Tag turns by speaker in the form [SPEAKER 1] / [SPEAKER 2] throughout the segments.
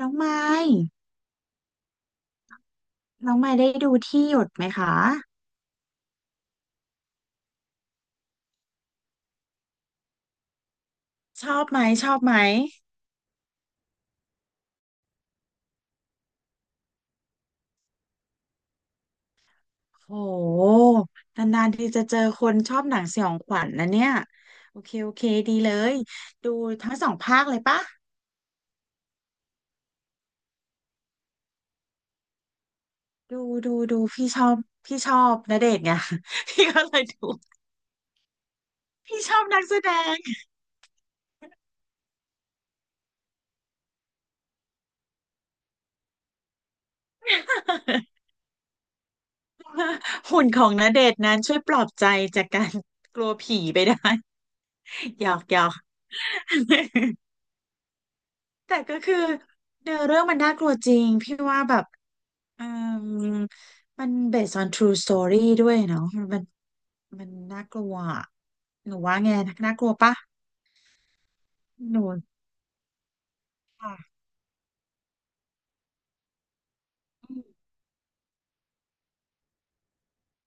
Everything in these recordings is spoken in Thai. [SPEAKER 1] น้องไม้น้องไม้ได้ดูที่หยดไหมคะ ชอบไหมชอบไหมโหนานๆทีจะเจอคนชอบหนังสยองขวัญนะเนี่ยโอเคโอเคดีเลย ดูทั้งสองภาคเลยปะดูดูพี่ชอบพี่ชอบณเดชน์ไง พี่ก็เลยดูพี่ชอบนักแสดง หุ่นของณเดชน์นั้นช่วยปลอบใจจากการกลัวผีไปได้ หยอกหยอก แต่ก็คือเนื้อเรื่องมันน่ากลัวจริงพี่ว่าแบบ อืมมัน based on true story ด้วยเนาะมันน่ากลัวอะหนูว่าไงน่ากลัวปะหนูค่ะอืม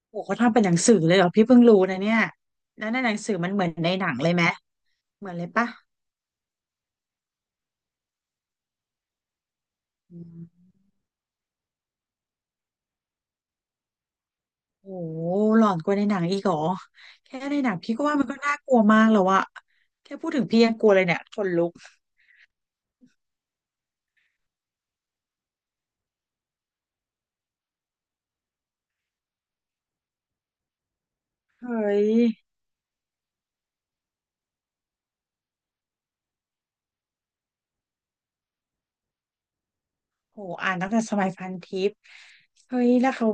[SPEAKER 1] โหเขาทำเป็นหนังสือเลยเหรอพี่เพิ่งรู้นะเนี่ยแล้วในหนังสือมันเหมือนในหนังเลยไหมเหมือนเลยปะอืมโหหลอนกว่าในหนังอีกเหรอแค่ในหนังพี่ก็ว่ามันก็น่ากลัวมากแล้วอะแค่พูดถึงพี่ยังกลัวเลยเนี่ยขนลุกเฮ้ยโหอ่านตั้งแต่สมัยพันทิปเฮ้ยแล้วเขา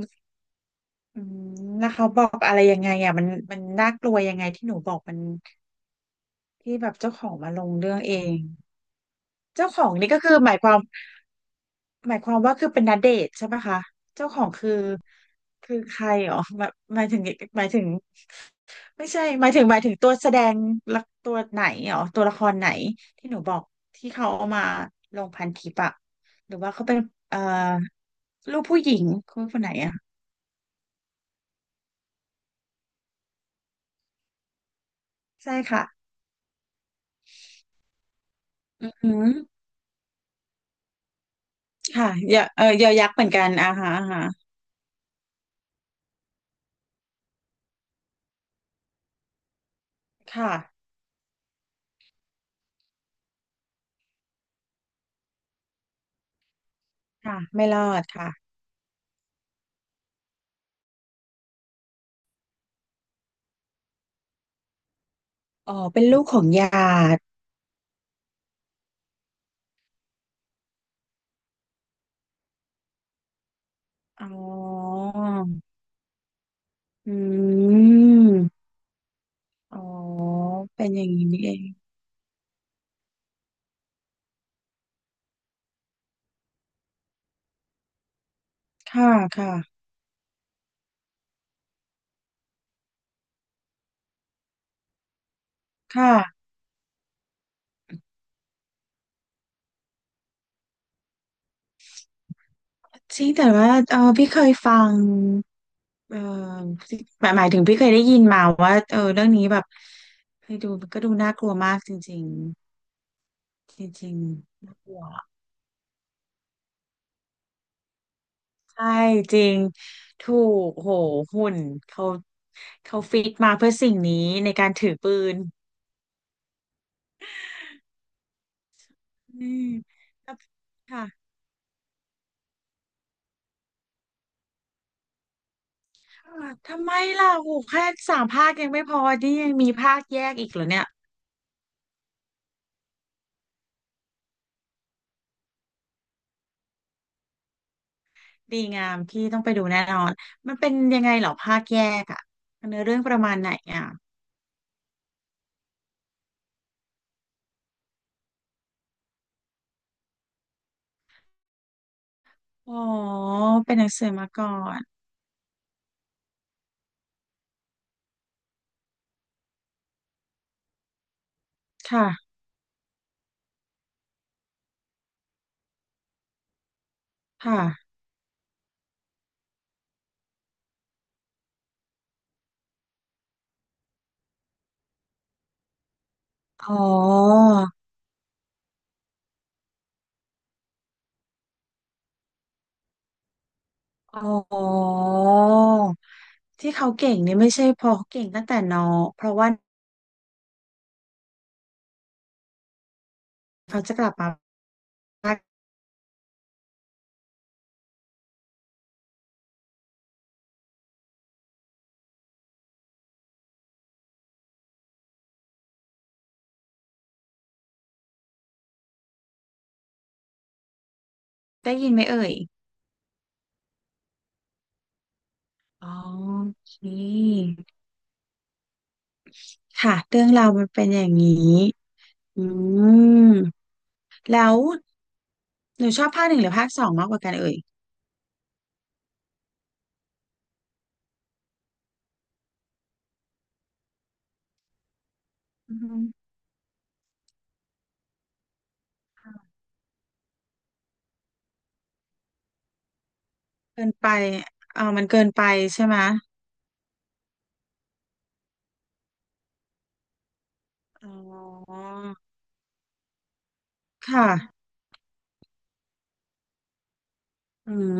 [SPEAKER 1] อืมแล้วเขาบอกอะไรยังไงอ่ะมันน่ากลัวยังไงที่หนูบอกมันที่แบบเจ้าของมาลงเรื่องเองเจ้าของนี่ก็คือหมายความหมายความว่าคือเป็นณเดชน์ใช่ปะคะเจ้าของคือคือใครอ๋อหมายหมายถึงหมายถึงไม่ใช่หมายถึงหมายถึงตัวแสดงละตัวไหนอ๋อตัวละครไหนที่หนูบอกที่เขาเอามาลงพันทิปอะหรือว่าเขาเป็นเอ่อลูกผู้หญิงคนคนไหนอะใช่ค่ะอืม ค่ะยอเออยอยักษ์เหมือนกันอ่าฮะอ่าฮะค่ะค่ะ ไม่รอดค่ะอ๋อเป็นลูกของหยาดอ๋ออืมอ๋อ เป็นอย่างนี้นี่เองค่ะ ค่ะค่ะจริงแต่ว่าเออพี่เคยฟังเออหมายหมายถึงพี่เคยได้ยินมาว่าเออเรื่องนี้แบบเคยดูก็ดูน่ากลัวมากจริงๆจริงๆน่ากลัว ใช่จริงถูกโหหุ่นเขาเขาฟิตมาเพื่อสิ่งนี้ในการถือปืนอืมแล้วค่ะอ่าทำไมล่ะโหแค่สามภาคยังไม่พอนี่ยังมีภาคแยกอีกเหรอเนี่ยดีงามพี่ต้องไปดูแน่นอนมันเป็นยังไงเหรอภาคแยกอ่ะเนื้อเรื่องประมาณไหนอ่ะอ๋อเป็นหนังสือมาก่อนค่ะค่ะอ๋ออ๋อที่เขาเก่งนี่ไม่ใช่เพราะเขาเก่งตั้งแต่น้องเพราะว่า เขาจะกลับมาได้ยินไหมเอ่ยอ๋อโอเคค่ะเรื่องราวมันเป็นอย่างนี้อืมแล้วหนูชอบภาคหนึ่งหรือภาคสองมากกว่ากันเอ่ยอืมค่ะเกินไปเออมันเกินไปใช่ไหมอ๋อค่ะอืม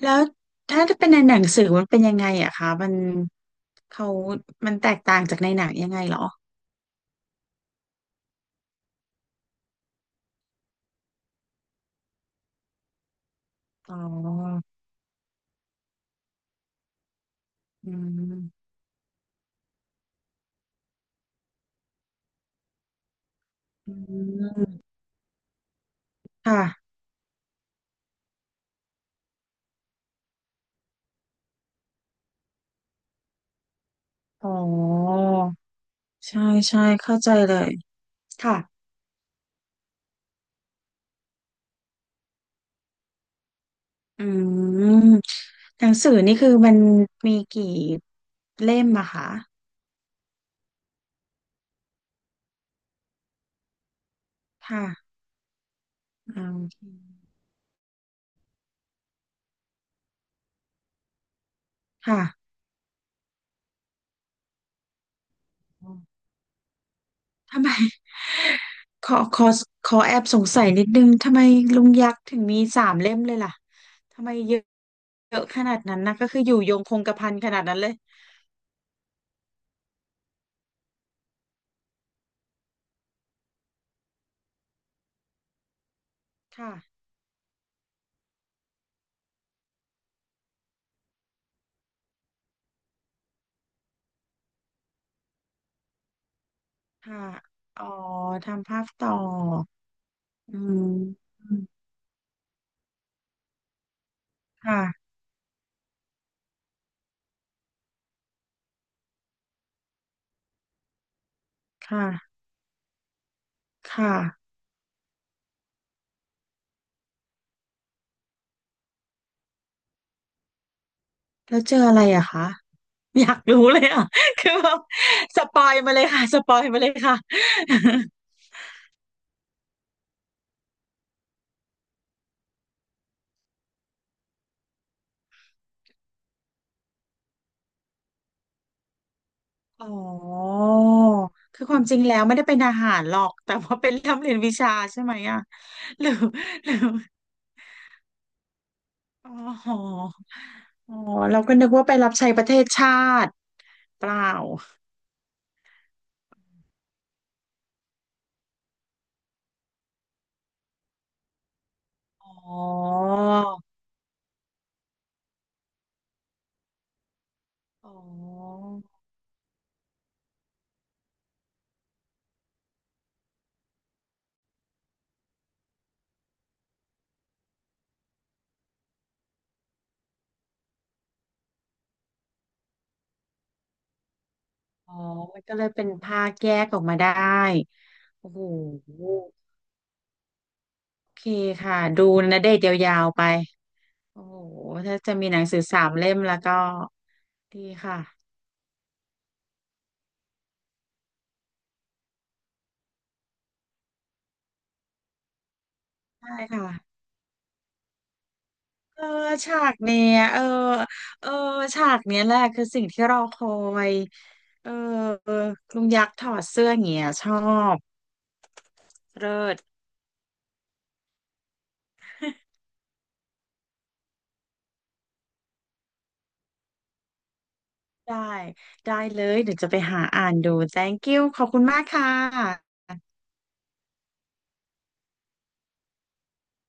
[SPEAKER 1] แล้วถ้าจะเป็นในหนังสือมันเป็นยังไงอะคะมันเขามันแตกต่างจากในหนังยังไงเหรออ๋ออืมอืมค่ะ อ๋อใช่ใช่เข้าใจเลยค่ะอืมหนังสือนี่คือมันมีกี่เล่มอะคะค่ะอืมค่ะอ๋อทำไม ขอขอขอแอบสงสัยนิดนึงทำไมลุงยักษ์ถึงมีสามเล่มเลยล่ะทำไมเยอะเยอะขนาดนั้นนะก็คืออยู่ยงคงกระพันขนาดนั้นเลยค่ะค่ะอ๋อทำภาพต่ออืมค่ะค่ะค่ะ แล้วเจออะไรอะคะอยากรู้เลยอะ คือแบบสปอยมาเลยค่ะ สปอยมาเลยค่ะ อ๋อคือความจริงแล้วไม่ได้เป็นทหารหรอกแต่ว่าเป็นร่ำเรียนวิชาใช่ไหมอะหรือ หรืออ๋ออ๋อเราก็นึกว่าไปรับใช้ประเทศชาติเปล่าอ๋ออ๋ออ๋อมันก็เลยเป็นภาคแยกออกมาได้โอ้โหโอเคค่ะดูณเดชยาวๆไป โอ้โหถ้าจะมีหนังสือสามเล่มแล้วก็ดีค่ะใช่ค่ะ เออฉากเนี้ยเออเออฉากเนี้ยแหละคือสิ่งที่เราคอย เออ ลุงยักษ์ถอดเสื้อเงี้ยชอบเลิศ ได้ ได้เลยเดี๋ยวจะไปหาอ่านดู thank you ขอบคุณมากค่ะ